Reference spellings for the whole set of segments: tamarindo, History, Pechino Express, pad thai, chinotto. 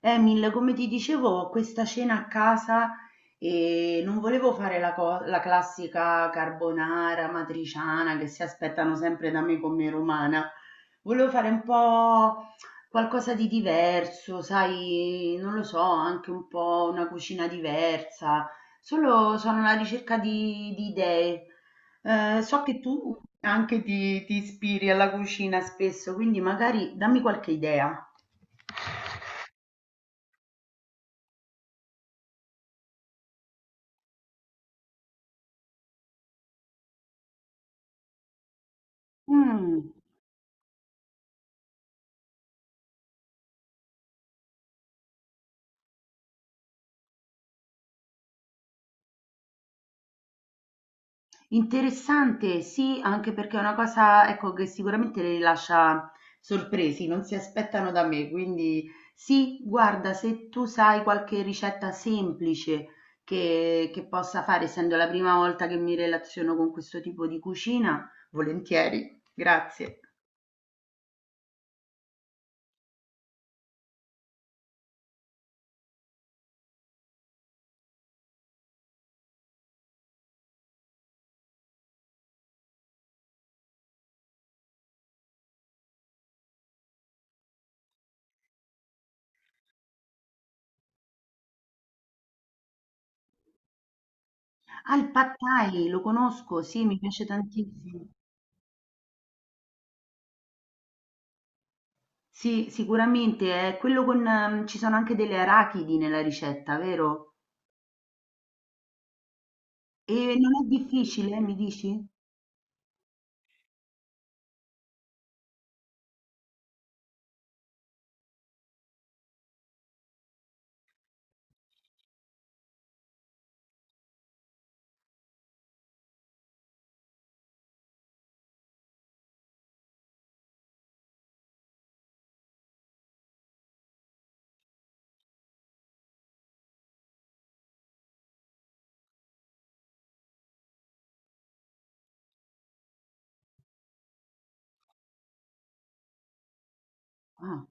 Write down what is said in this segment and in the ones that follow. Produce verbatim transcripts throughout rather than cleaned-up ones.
Emil, come ti dicevo, ho questa cena a casa e non volevo fare la, co- la classica carbonara matriciana che si aspettano sempre da me come romana. Volevo fare un po' qualcosa di diverso, sai, non lo so, anche un po' una cucina diversa. Solo sono alla ricerca di, di idee. Eh, so che tu anche ti ti ispiri alla cucina spesso, quindi magari dammi qualche idea. Mm. Interessante, sì, anche perché è una cosa, ecco, che sicuramente le lascia sorpresi, non si aspettano da me, quindi sì, guarda, se tu sai qualche ricetta semplice che, che possa fare, essendo la prima volta che mi relaziono con questo tipo di cucina, volentieri, grazie. Ah, il pad thai, lo conosco, sì, mi piace tantissimo. Sì, sicuramente, è quello con, ehm, ci sono anche delle arachidi nella ricetta, vero? E non è difficile, mi dici? Ah,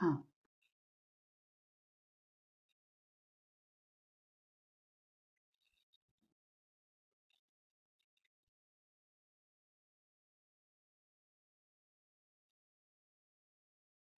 ah.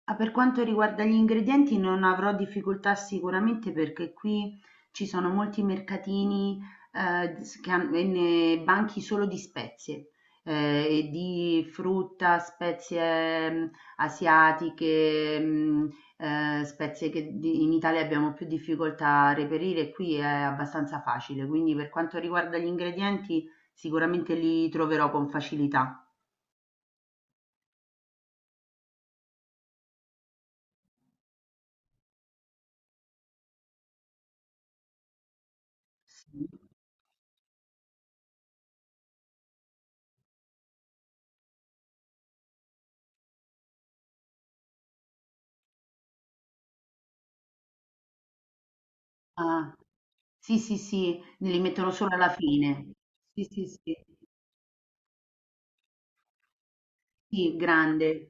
Ah, per quanto riguarda gli ingredienti non avrò difficoltà sicuramente perché qui ci sono molti mercatini eh, s- che han- e ne- banchi solo di spezie, eh, e di frutta, spezie mm, asiatiche, mm, eh, spezie che di- in Italia abbiamo più difficoltà a reperire, qui è abbastanza facile, quindi per quanto riguarda gli ingredienti sicuramente li troverò con facilità. Sì. Ah. Sì, sì, sì, li mettono solo alla fine. Sì, sì, sì. Sì, grande.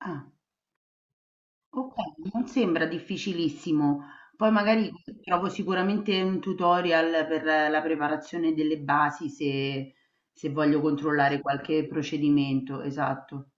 Ah, okay, non sembra difficilissimo. Poi magari trovo sicuramente un tutorial per la preparazione delle basi se se voglio controllare qualche procedimento, esatto.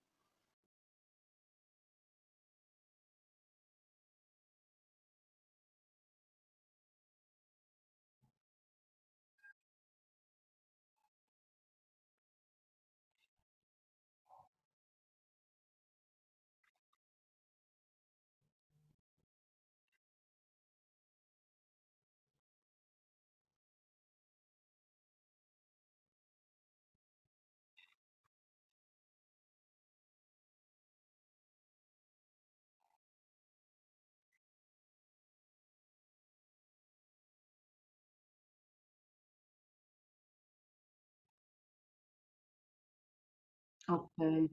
Okay.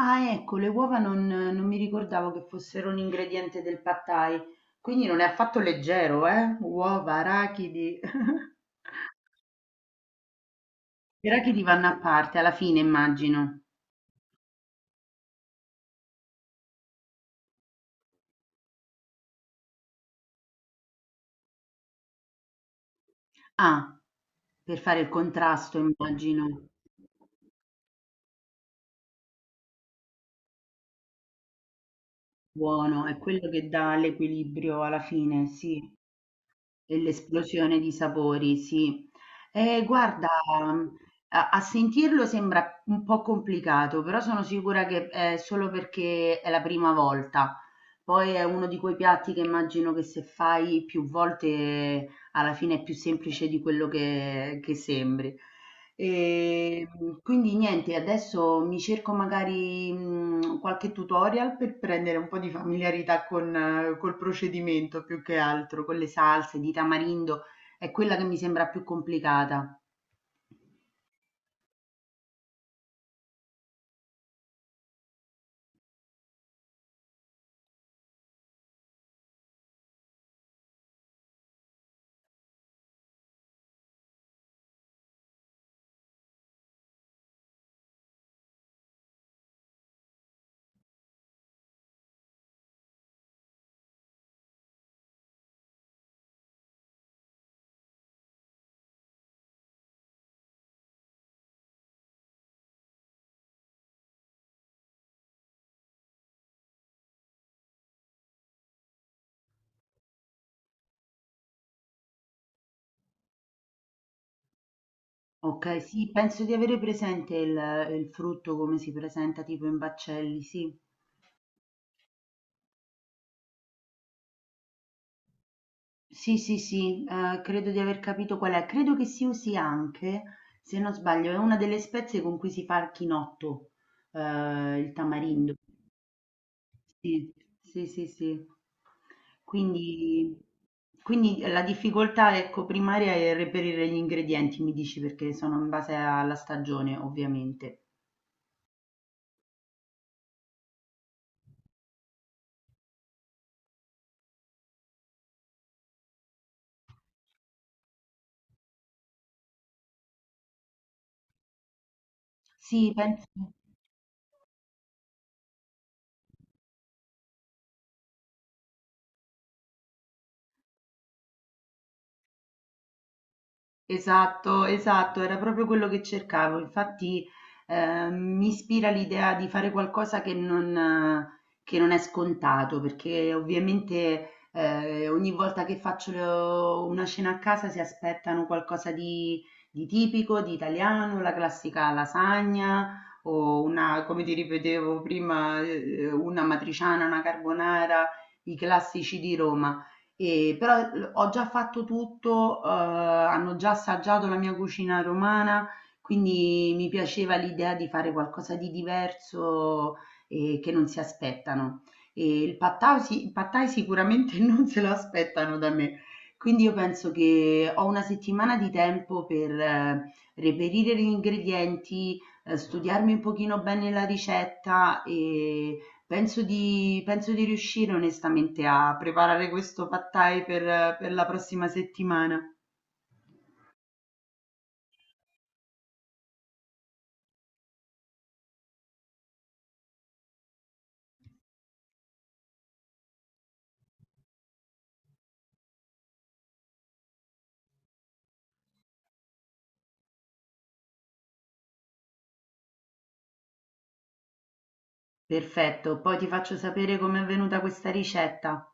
Ah, ecco, le uova non non mi ricordavo che fossero un ingrediente del pad thai, quindi non è affatto leggero, eh, uova, arachidi. Però chi divanna a parte alla fine immagino. Ah, per fare il contrasto immagino. Buono, è quello che dà l'equilibrio alla fine, sì, e l'esplosione di sapori, sì. Eh, guarda, mm, a, a sentirlo sembra un po' complicato, però sono sicura che è solo perché è la prima volta. Poi è uno di quei piatti che immagino che se fai più volte alla fine è più semplice di quello che, che sembri. E mh, quindi niente, adesso mi cerco magari mh, qualche tutorial per prendere un po' di familiarità con, eh, col procedimento più che altro, con le salse di tamarindo, è quella che mi sembra più complicata. Ok, sì, penso di avere presente il, il frutto come si presenta tipo in baccelli, sì. Sì, sì, sì, eh, credo di aver capito qual è. Credo che si usi anche, se non sbaglio, è una delle spezie con cui si fa il chinotto, eh, il tamarindo. Sì, sì, sì, sì. Quindi, quindi la difficoltà, ecco, primaria è reperire gli ingredienti, mi dici, perché sono in base alla stagione, ovviamente. Sì, penso. Esatto, esatto, era proprio quello che cercavo. Infatti, eh, mi ispira l'idea di fare qualcosa che non, eh, che non è scontato, perché ovviamente eh, ogni volta che faccio le- una cena a casa si aspettano qualcosa di, di tipico, di italiano, la classica lasagna o una, come ti ripetevo prima, eh, una matriciana, una carbonara, i classici di Roma. Ehm, però l ho già fatto tutto, uhm, hanno già assaggiato la mia cucina romana, quindi mi piaceva l'idea di fare qualcosa di diverso e che non si aspettano. E il pad thai si il pad thai sicuramente non se lo aspettano da me. Quindi io penso che ho una settimana di tempo per eh, reperire gli ingredienti, ehm, studiarmi un pochino bene la ricetta e Penso di penso di riuscire onestamente a preparare questo pad thai per per la prossima settimana. Perfetto, poi ti faccio sapere com'è venuta questa ricetta.